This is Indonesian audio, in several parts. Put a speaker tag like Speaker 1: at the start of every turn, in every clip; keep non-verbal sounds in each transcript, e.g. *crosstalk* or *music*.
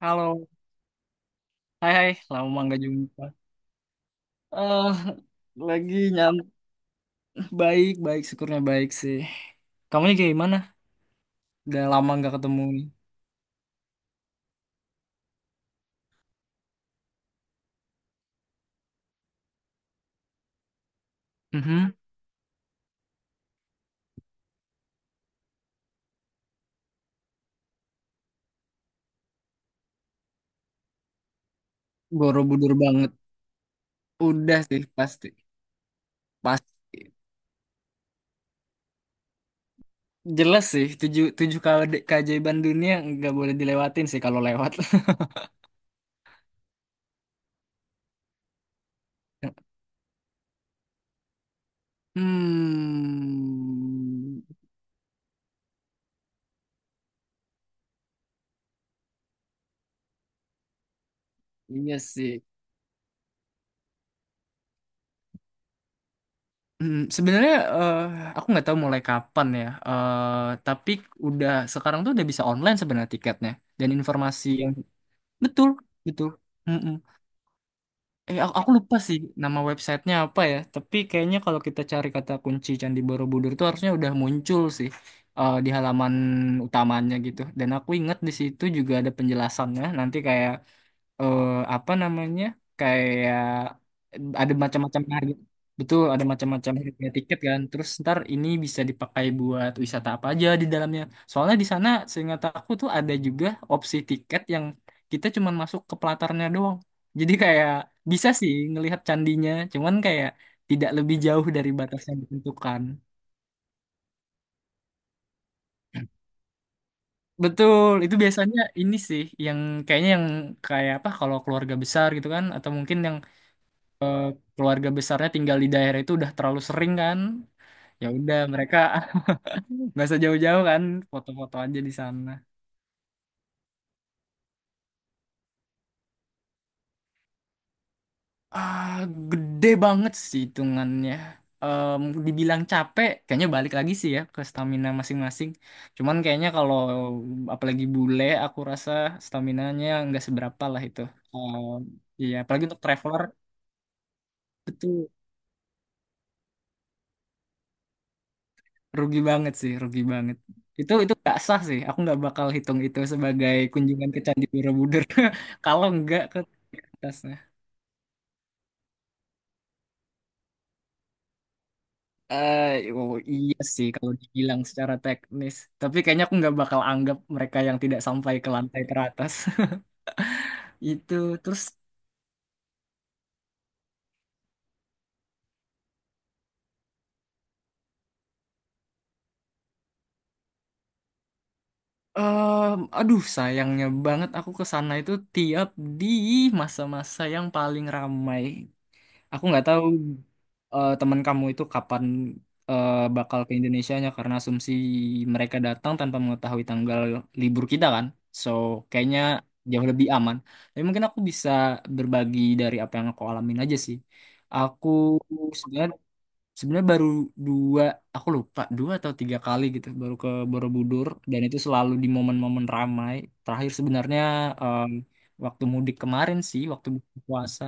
Speaker 1: Halo, hai, hai, lama nggak jumpa. Eh, lagi nyam, baik baik, syukurnya baik sih. Kamunya kayak gimana? Udah lama nggak ketemu nih. Mhm. Borobudur banget. Udah sih pasti, pasti. Jelas sih, tujuh tujuh kali keajaiban dunia nggak boleh dilewatin sih kalau lewat. *laughs* Hmm, iya sih. Sebenarnya aku nggak tahu mulai kapan ya. Tapi udah sekarang tuh udah bisa online sebenarnya tiketnya dan informasi yang betul betul. Mm-mm. Aku lupa sih nama websitenya apa ya, tapi kayaknya kalau kita cari kata kunci Candi Borobudur tuh harusnya udah muncul sih di halaman utamanya gitu. Dan aku ingat di situ juga ada penjelasannya nanti kayak eh apa namanya kayak ada macam-macam harga, betul ada macam-macam harga tiket kan, terus ntar ini bisa dipakai buat wisata apa aja di dalamnya. Soalnya di sana seingat aku tuh ada juga opsi tiket yang kita cuman masuk ke pelatarnya doang, jadi kayak bisa sih ngelihat candinya cuman kayak tidak lebih jauh dari batas yang ditentukan. Betul, itu biasanya ini sih yang kayaknya, yang kayak apa, kalau keluarga besar gitu kan, atau mungkin yang eh, keluarga besarnya tinggal di daerah itu udah terlalu sering kan. Ya udah mereka *laughs* nggak usah jauh-jauh kan, foto-foto aja di sana. Ah, gede banget sih hitungannya. Em, dibilang capek, kayaknya balik lagi sih ya ke stamina masing-masing. Cuman kayaknya kalau apalagi bule, aku rasa staminanya nggak seberapa lah itu. Em, iya, apalagi untuk traveler, betul. Rugi banget sih, rugi banget. Itu nggak sah sih. Aku nggak bakal hitung itu sebagai kunjungan ke Candi Borobudur *laughs* kalau nggak ke atasnya. Eh, oh, iya sih kalau dibilang secara teknis. Tapi kayaknya aku nggak bakal anggap mereka yang tidak sampai ke lantai teratas. *laughs* Itu terus aduh sayangnya banget aku ke sana itu tiap di masa-masa yang paling ramai. Aku nggak tahu teman kamu itu kapan bakal ke Indonesianya, karena asumsi mereka datang tanpa mengetahui tanggal libur kita kan. So, kayaknya jauh lebih aman. Tapi mungkin aku bisa berbagi dari apa yang aku alamin aja sih. Aku sebenarnya, sebenarnya baru dua, aku lupa 2 atau 3 kali gitu baru ke Borobudur, dan itu selalu di momen-momen ramai. Terakhir sebenarnya em, waktu mudik kemarin sih, waktu buka puasa.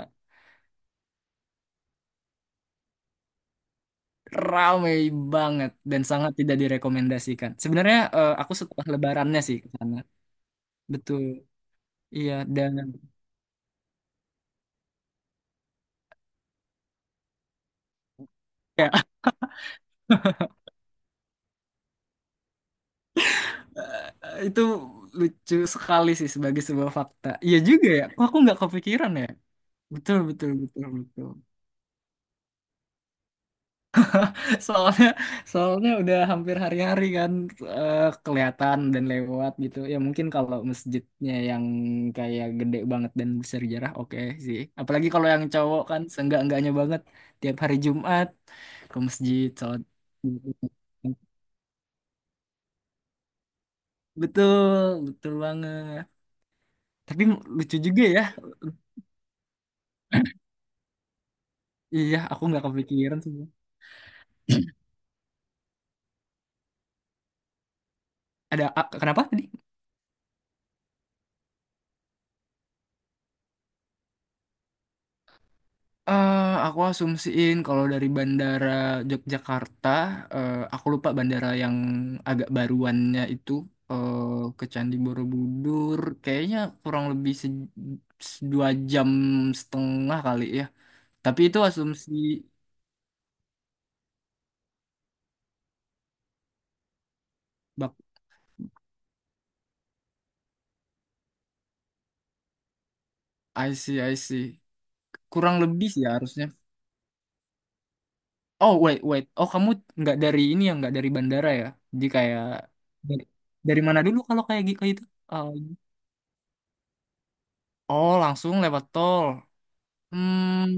Speaker 1: Ramai banget dan sangat tidak direkomendasikan. Sebenarnya aku setelah lebarannya sih ke sana. Betul. Iya, dan ya *laughs* itu lucu sekali sih sebagai sebuah fakta. Iya juga ya. Kok aku nggak kepikiran ya? Betul, betul, betul, betul. Soalnya, soalnya udah hampir hari-hari kan eh, kelihatan dan lewat gitu. Ya mungkin kalau masjidnya yang kayak gede banget dan bersejarah, oke sih. Apalagi kalau yang cowok kan seenggak-enggaknya banget tiap hari Jumat ke masjid sholat. Betul, betul banget. Tapi lucu juga ya. Iya, aku nggak kepikiran sih. Ada, kenapa tadi? Eh, aku asumsiin kalau dari bandara Yogyakarta, aku lupa bandara yang agak baruannya itu, eh, ke Candi Borobudur, kayaknya kurang lebih 2,5 jam kali ya. Tapi itu asumsi. bak I see, I see. Kurang lebih sih ya harusnya. Oh, wait wait, oh kamu nggak dari ini ya, nggak dari bandara ya? Jadi kayak dari, dari mana dulu kalau kayak gitu? Itu? Eh, oh langsung lewat tol. Hmm.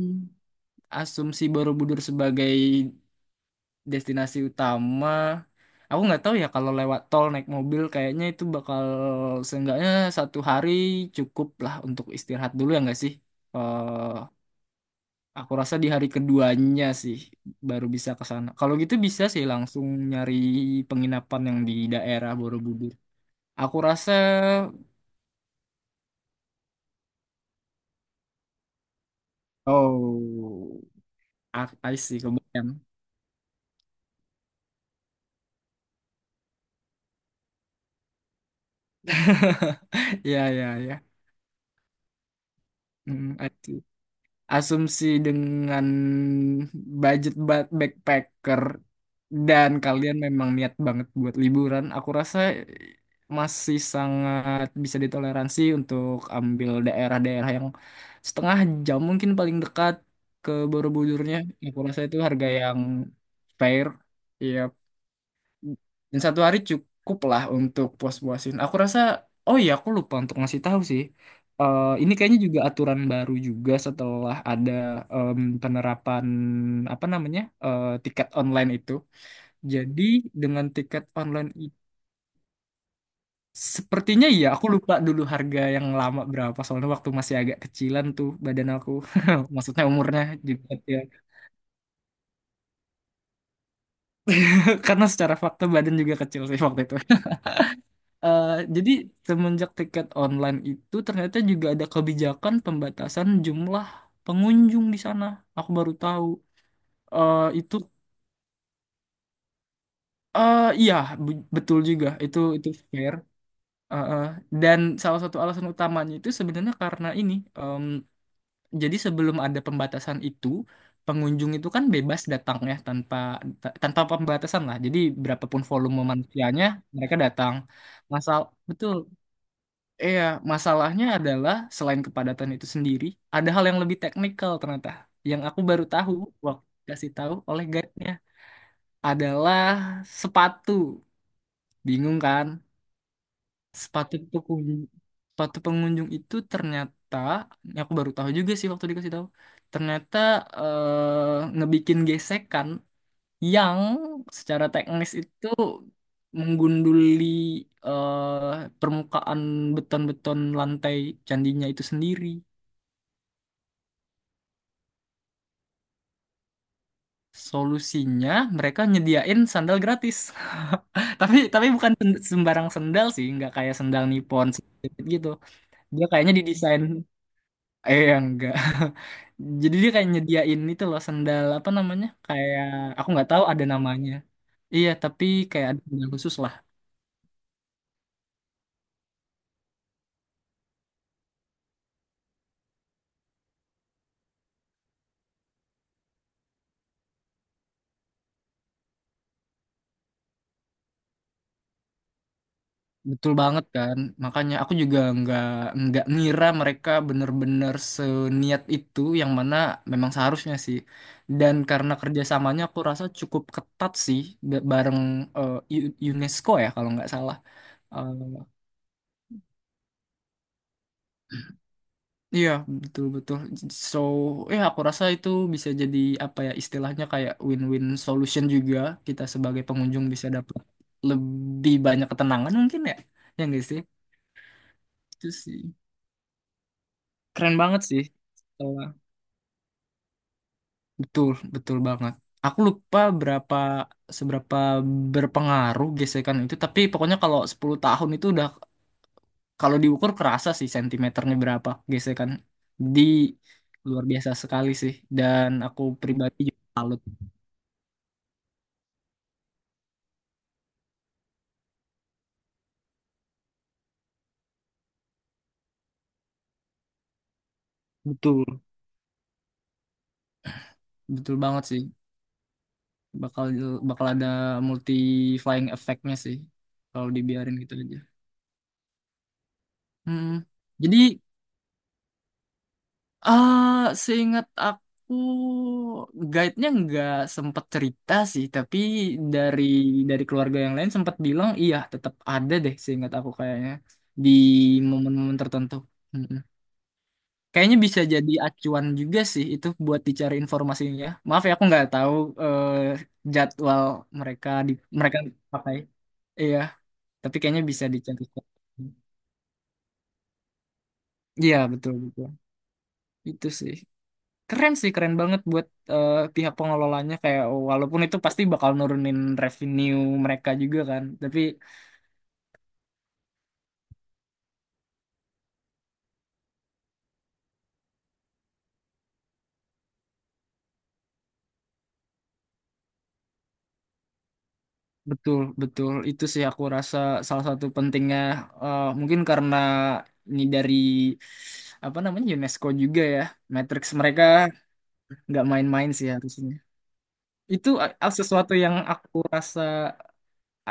Speaker 1: Asumsi Borobudur sebagai destinasi utama. Aku nggak tahu ya, kalau lewat tol naik mobil kayaknya itu bakal seenggaknya satu hari cukup lah untuk istirahat dulu ya nggak sih? eh aku rasa di hari keduanya sih baru bisa ke sana. Kalau gitu bisa sih langsung nyari penginapan yang di daerah Borobudur. Aku rasa, oh, I see, kebayang. *laughs* Ya, ya, ya. Hmm, I see. Asumsi dengan budget backpacker dan kalian memang niat banget buat liburan, aku rasa masih sangat bisa ditoleransi untuk ambil daerah-daerah yang setengah jam mungkin paling dekat ke Borobudurnya. Aku rasa itu harga yang fair. Iya, dan satu hari cukup lah untuk puas-puasin aku rasa. Oh iya, aku lupa untuk ngasih tahu sih. Ini kayaknya juga aturan baru juga setelah ada penerapan, apa namanya, tiket online itu. Jadi dengan tiket online itu sepertinya iya, aku lupa dulu harga yang lama berapa. Soalnya waktu masih agak kecilan tuh badan aku. *laughs* Maksudnya umurnya juga ya. *laughs* Karena secara fakta badan juga kecil sih waktu itu. Eh, jadi semenjak tiket online itu ternyata juga ada kebijakan pembatasan jumlah pengunjung di sana. Aku baru tahu. Itu iya, betul juga. Itu fair. Eh, eh. Dan salah satu alasan utamanya itu sebenarnya karena ini. em, jadi sebelum ada pembatasan itu, pengunjung itu kan bebas datang ya tanpa, tanpa pembatasan lah. Jadi berapapun volume manusianya mereka datang. Masal betul, iya, masalahnya adalah selain kepadatan itu sendiri, ada hal yang lebih teknikal ternyata. Yang aku baru tahu waktu kasih tahu oleh guide-nya adalah sepatu. Bingung kan? Sepatu pengunjung, sepatu pengunjung itu ternyata, ini aku baru tahu juga sih waktu dikasih tahu, ternyata ngebikin gesekan yang secara teknis itu menggunduli permukaan beton-beton lantai candinya itu sendiri. Solusinya mereka nyediain sandal gratis. *laughs* Tapi bukan sembarang sandal sih, nggak kayak sandal Nippon gitu. Dia kayaknya didesain, enggak. *laughs* Jadi dia kayak nyediain itu loh, sandal apa namanya? Kayak aku nggak tahu ada namanya. Iya, tapi kayak ada sandal khusus lah. Betul banget kan, makanya aku juga nggak ngira mereka bener-bener seniat itu, yang mana memang seharusnya sih. Dan karena kerjasamanya aku rasa cukup ketat sih, bareng UNESCO ya kalau nggak salah. Eh, Iya, betul-betul. So ya, aku rasa itu bisa jadi, apa ya istilahnya, kayak win-win solution juga. Kita sebagai pengunjung bisa dapat lebih banyak ketenangan mungkin ya. Ya nggak sih? Itu sih. Keren banget sih. Betul, betul banget. Aku lupa seberapa berpengaruh gesekan itu, tapi pokoknya kalau 10 tahun itu udah, kalau diukur kerasa sih sentimeternya berapa gesekan. Di Luar biasa sekali sih, dan aku pribadi juga salut. Betul, betul banget sih. Bakal bakal ada multi flying effect-nya sih kalau dibiarin gitu aja. Hmm. Jadi, Ah, seingat aku guide-nya nggak sempet cerita sih, tapi dari dari keluarga yang lain sempat bilang iya tetap ada deh, seingat aku kayaknya di momen-momen tertentu. Mm-mm. Kayaknya bisa jadi acuan juga sih itu buat dicari informasinya. Maaf ya aku nggak tahu eh, jadwal mereka di mereka pakai. Iya, tapi kayaknya bisa dicari. Iya, betul, betul. Itu sih. Keren sih, keren banget buat pihak pengelolanya, kayak walaupun itu pasti bakal nurunin revenue mereka juga kan, tapi betul, betul. Itu sih aku rasa salah satu pentingnya, mungkin karena ini dari apa namanya, UNESCO juga ya. Matrix mereka nggak main-main sih harusnya. Itu sesuatu yang aku rasa,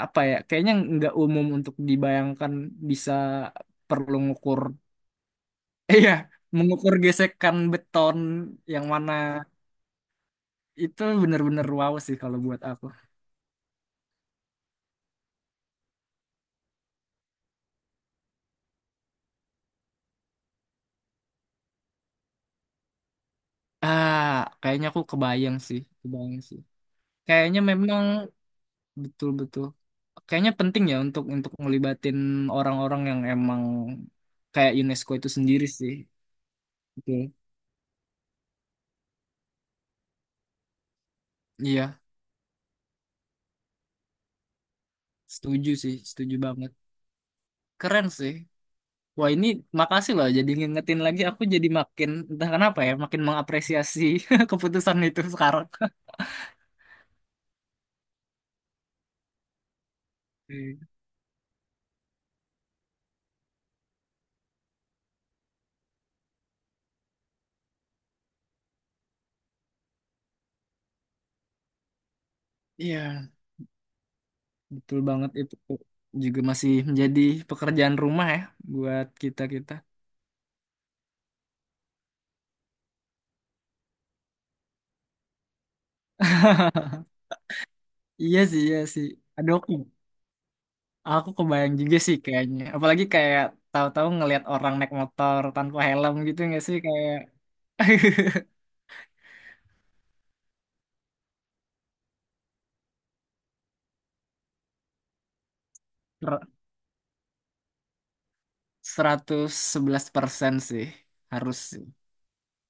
Speaker 1: apa ya, kayaknya nggak umum untuk dibayangkan bisa perlu ngukur *laughs* iya, mengukur gesekan beton yang mana. Itu bener-bener wow sih kalau buat aku. Ah, kayaknya aku kebayang sih, kebayang sih. Kayaknya memang betul-betul. Kayaknya penting ya untuk ngelibatin orang-orang yang emang kayak UNESCO itu sendiri sih. Oke. Iya, setuju sih, setuju banget. Keren sih. Wah ini, makasih loh, jadi ngingetin lagi aku, jadi makin entah kenapa ya makin mengapresiasi *laughs* keputusan itu sekarang. *laughs* Iya. Betul banget, itu juga masih menjadi pekerjaan rumah ya buat kita-kita. *laughs* Iya sih, iya sih. Aduh, aku kebayang juga sih kayaknya. Apalagi kayak tahu-tahu ngelihat orang naik motor tanpa helm gitu nggak sih, kayak. *laughs* Ser- 111% sih harus sih.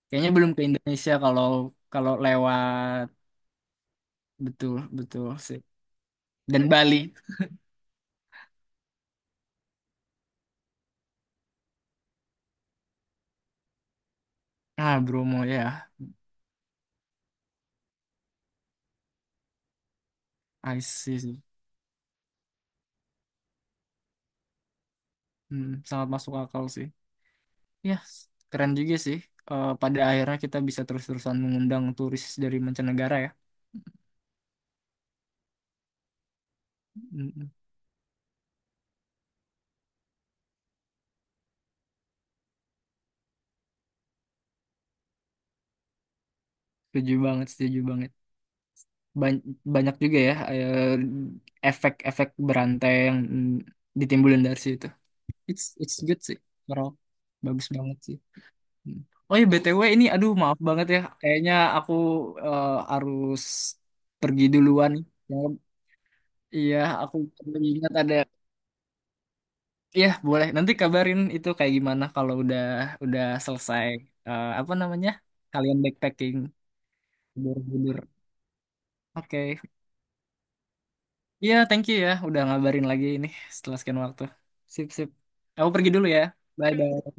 Speaker 1: Kayaknya belum ke Indonesia kalau kalau lewat, betul, betul sih. Dan Bali. Ah, Bromo ya. I see sih. Hmm, sangat masuk akal sih. Ya, keren juga sih. Pada akhirnya kita bisa terus-terusan mengundang turis dari mancanegara ya. Mm, Setuju banget, setuju banget. Ban- banyak juga ya efek-efek berantai yang ditimbulin dari situ. It's good sih, bro. Bagus banget sih. Mm. Oh ya, BTW ini aduh, maaf banget ya. Kayaknya aku eh, harus pergi duluan. Ya, iya, aku ingat ada. Iya, boleh. Nanti kabarin itu kayak gimana kalau udah selesai, apa namanya? Kalian backpacking, tidur-tidur. Oke. Iya, thank you ya udah ngabarin lagi ini setelah sekian waktu. Sip, sip. Aku pergi dulu ya. Bye, bye.